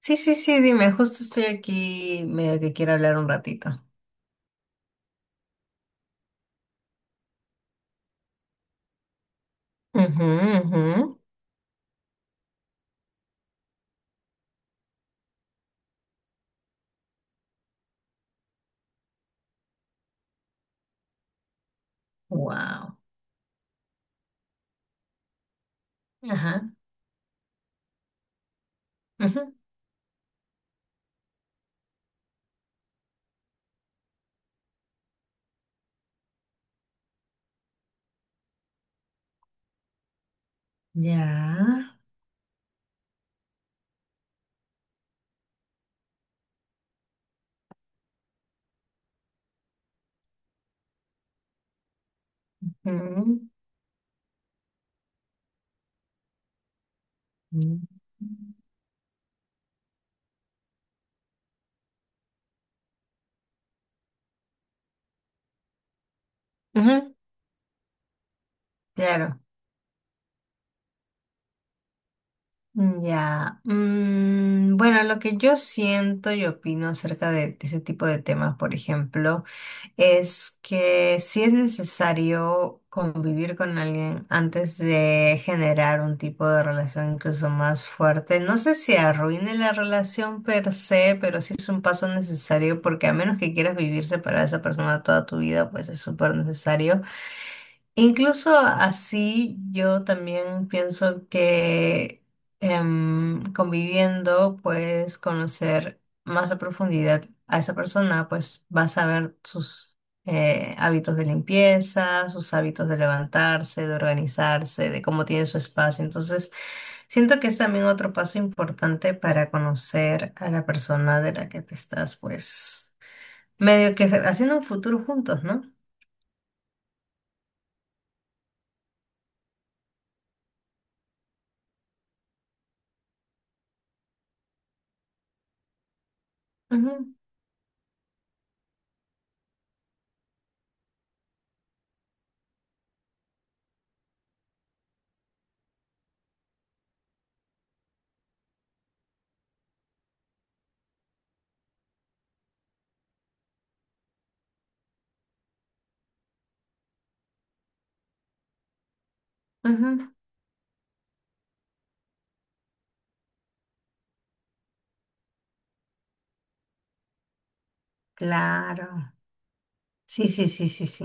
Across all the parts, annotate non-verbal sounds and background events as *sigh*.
Sí, sí, sí, dime, justo estoy aquí medio que quiero hablar un ratito. Ujú, ujú. Wow. Ajá. Ujú. Ya. Ujú, ujú. Ujú. Claro. Ya. Mm, bueno, lo que yo siento y opino acerca de ese tipo de temas, por ejemplo, es que sí es necesario convivir con alguien antes de generar un tipo de relación incluso más fuerte. No sé si arruine la relación per se, pero sí es un paso necesario porque a menos que quieras vivir separada de esa persona toda tu vida, pues es súper necesario. Incluso así, yo también pienso que conviviendo puedes conocer más a profundidad a esa persona, pues vas a ver sus hábitos de limpieza, sus hábitos de levantarse, de organizarse, de cómo tiene su espacio. Entonces, siento que es también otro paso importante para conocer a la persona de la que te estás, pues, medio que haciendo un futuro juntos, ¿no? Ujú, ujú. Claro. Sí, sí, sí, sí, sí.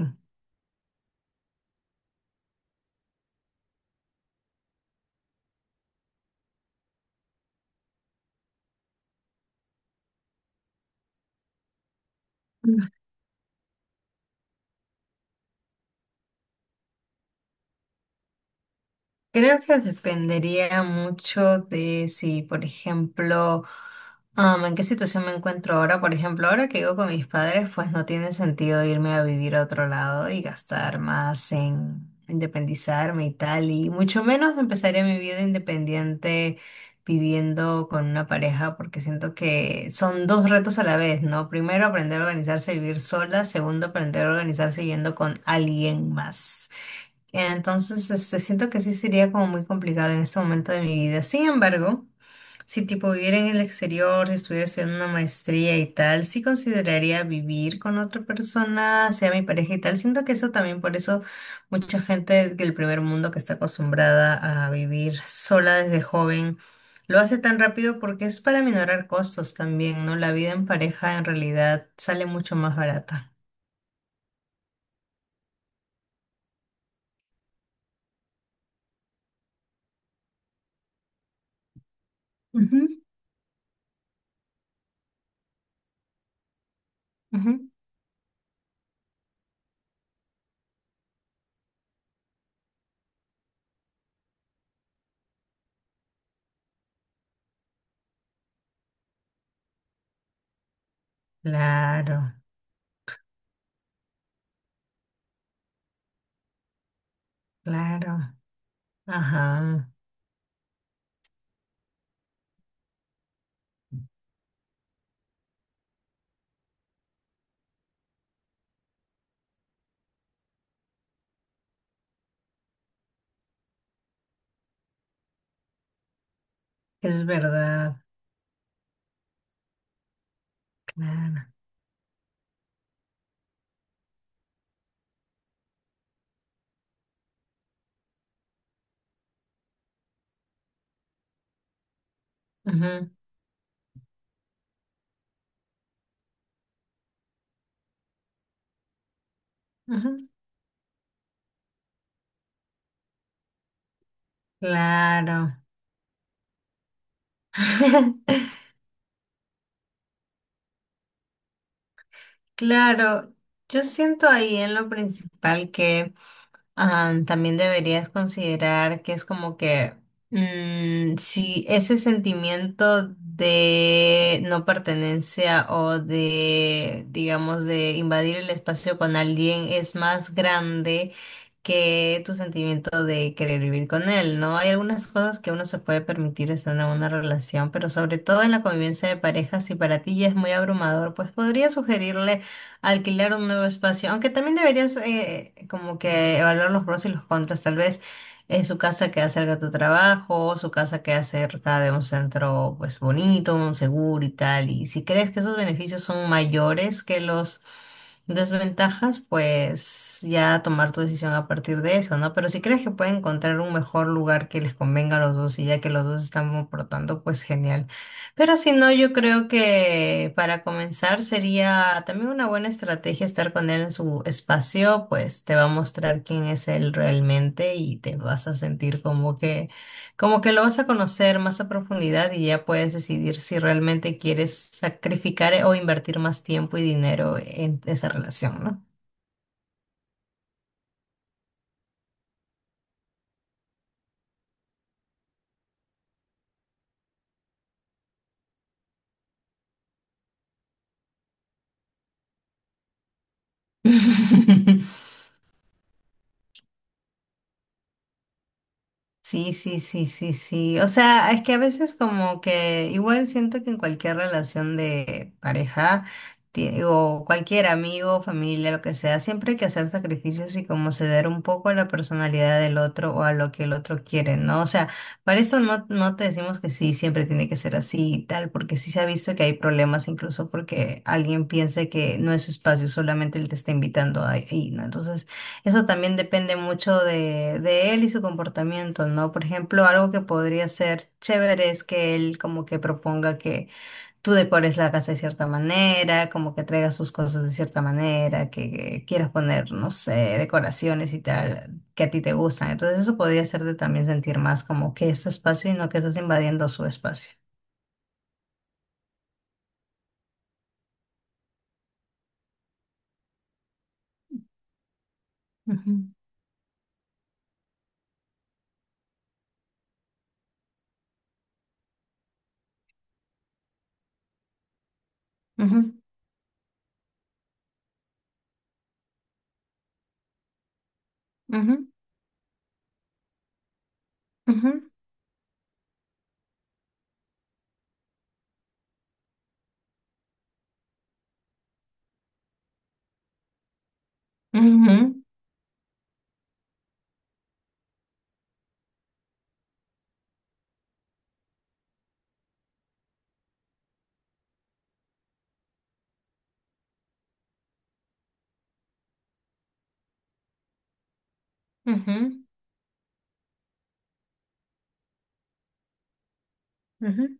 Mm. Creo que dependería mucho de si, por ejemplo, en qué situación me encuentro ahora. Por ejemplo, ahora que vivo con mis padres, pues no tiene sentido irme a vivir a otro lado y gastar más en independizarme y tal. Y mucho menos empezaría mi vida independiente viviendo con una pareja, porque siento que son dos retos a la vez, ¿no? Primero, aprender a organizarse y vivir sola. Segundo, aprender a organizarse viviendo con alguien más. Entonces, este, siento que sí sería como muy complicado en este momento de mi vida. Sin embargo, si tipo viviera en el exterior, si estuviera haciendo una maestría y tal, sí consideraría vivir con otra persona, sea mi pareja y tal. Siento que eso también, por eso mucha gente del primer mundo que está acostumbrada a vivir sola desde joven, lo hace tan rápido porque es para minorar costos también, ¿no? La vida en pareja en realidad sale mucho más barata. Ujú, ujú. Claro, claro. Ajá, es verdad, claro. Ujú, ujú. Claro. *laughs* Claro, yo siento ahí en lo principal que también deberías considerar que es como que si ese sentimiento de no pertenencia o de, digamos, de invadir el espacio con alguien es más grande que tu sentimiento de querer vivir con él, ¿no? Hay algunas cosas que uno se puede permitir estando en una relación, pero sobre todo en la convivencia de pareja, si para ti ya es muy abrumador, pues podría sugerirle alquilar un nuevo espacio, aunque también deberías como que evaluar los pros y los contras, tal vez su casa queda cerca de tu trabajo, su casa queda cerca de un centro pues bonito, un seguro y tal, y si crees que esos beneficios son mayores que los desventajas, pues ya tomar tu decisión a partir de eso, ¿no? Pero si crees que pueden encontrar un mejor lugar que les convenga a los dos y ya que los dos están aportando, pues genial. Pero si no, yo creo que para comenzar sería también una buena estrategia estar con él en su espacio, pues te va a mostrar quién es él realmente y te vas a sentir como que lo vas a conocer más a profundidad y ya puedes decidir si realmente quieres sacrificar o invertir más tiempo y dinero en esa relación, ¿no? *laughs* Sí, sí, sí, sí, sí. O sea, es que a veces como que igual siento que en cualquier relación de pareja o cualquier amigo, familia, lo que sea, siempre hay que hacer sacrificios y como ceder un poco a la personalidad del otro o a lo que el otro quiere, ¿no? O sea, para eso no, no te decimos que sí, siempre tiene que ser así y tal, porque sí se ha visto que hay problemas incluso porque alguien piense que no es su espacio, solamente él te está invitando ahí, ¿no? Entonces, eso también depende mucho de él y su comportamiento, ¿no? Por ejemplo, algo que podría ser chévere es que él como que proponga que tú decores la casa de cierta manera, como que traigas sus cosas de cierta manera, que quieras poner, no sé, decoraciones y tal, que a ti te gustan. Entonces eso podría hacerte también sentir más como que es tu espacio y no que estás invadiendo su espacio. Ujú, ujú, ujú, ujú, ujú, ujú, ujú.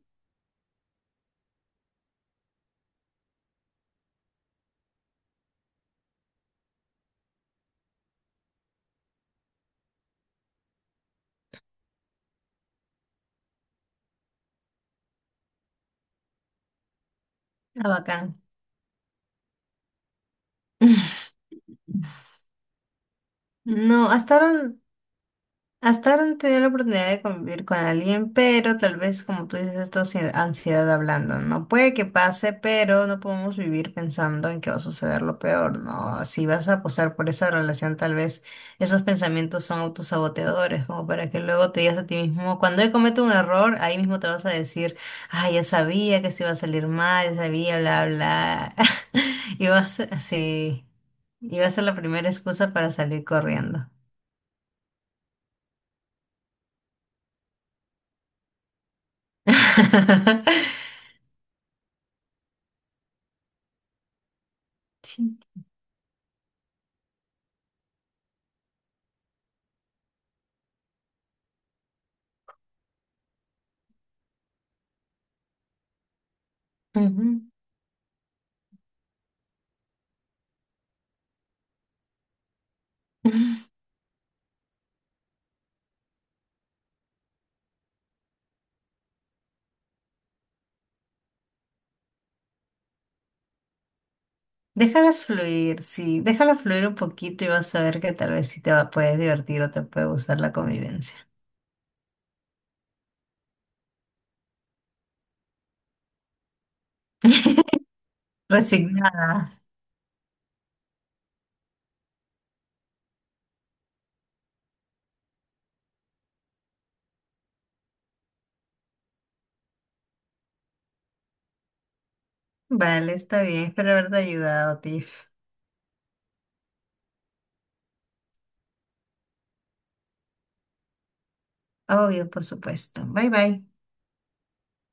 Ah, bacán. *laughs* No, hasta ahora hasta ahora no he tenido la oportunidad de convivir con alguien, pero tal vez como tú dices, esto es ansiedad hablando, ¿no? Puede que pase, pero no podemos vivir pensando en que va a suceder lo peor, ¿no? Si vas a apostar por esa relación, tal vez esos pensamientos son autosaboteadores, como para que luego te digas a ti mismo, cuando él comete un error, ahí mismo te vas a decir, ah, ya sabía que se iba a salir mal, ya sabía, bla, bla. *laughs* Y vas, sí, y va a ser la primera excusa para salir corriendo. *laughs* Sí. Ujú. *laughs* Déjalas fluir, sí, déjala fluir un poquito y vas a ver que tal vez sí te va, puedes divertir o te puede gustar la convivencia. Resignada. Vale, está bien, espero haberte ayudado, Tiff. Obvio, por supuesto. Bye bye.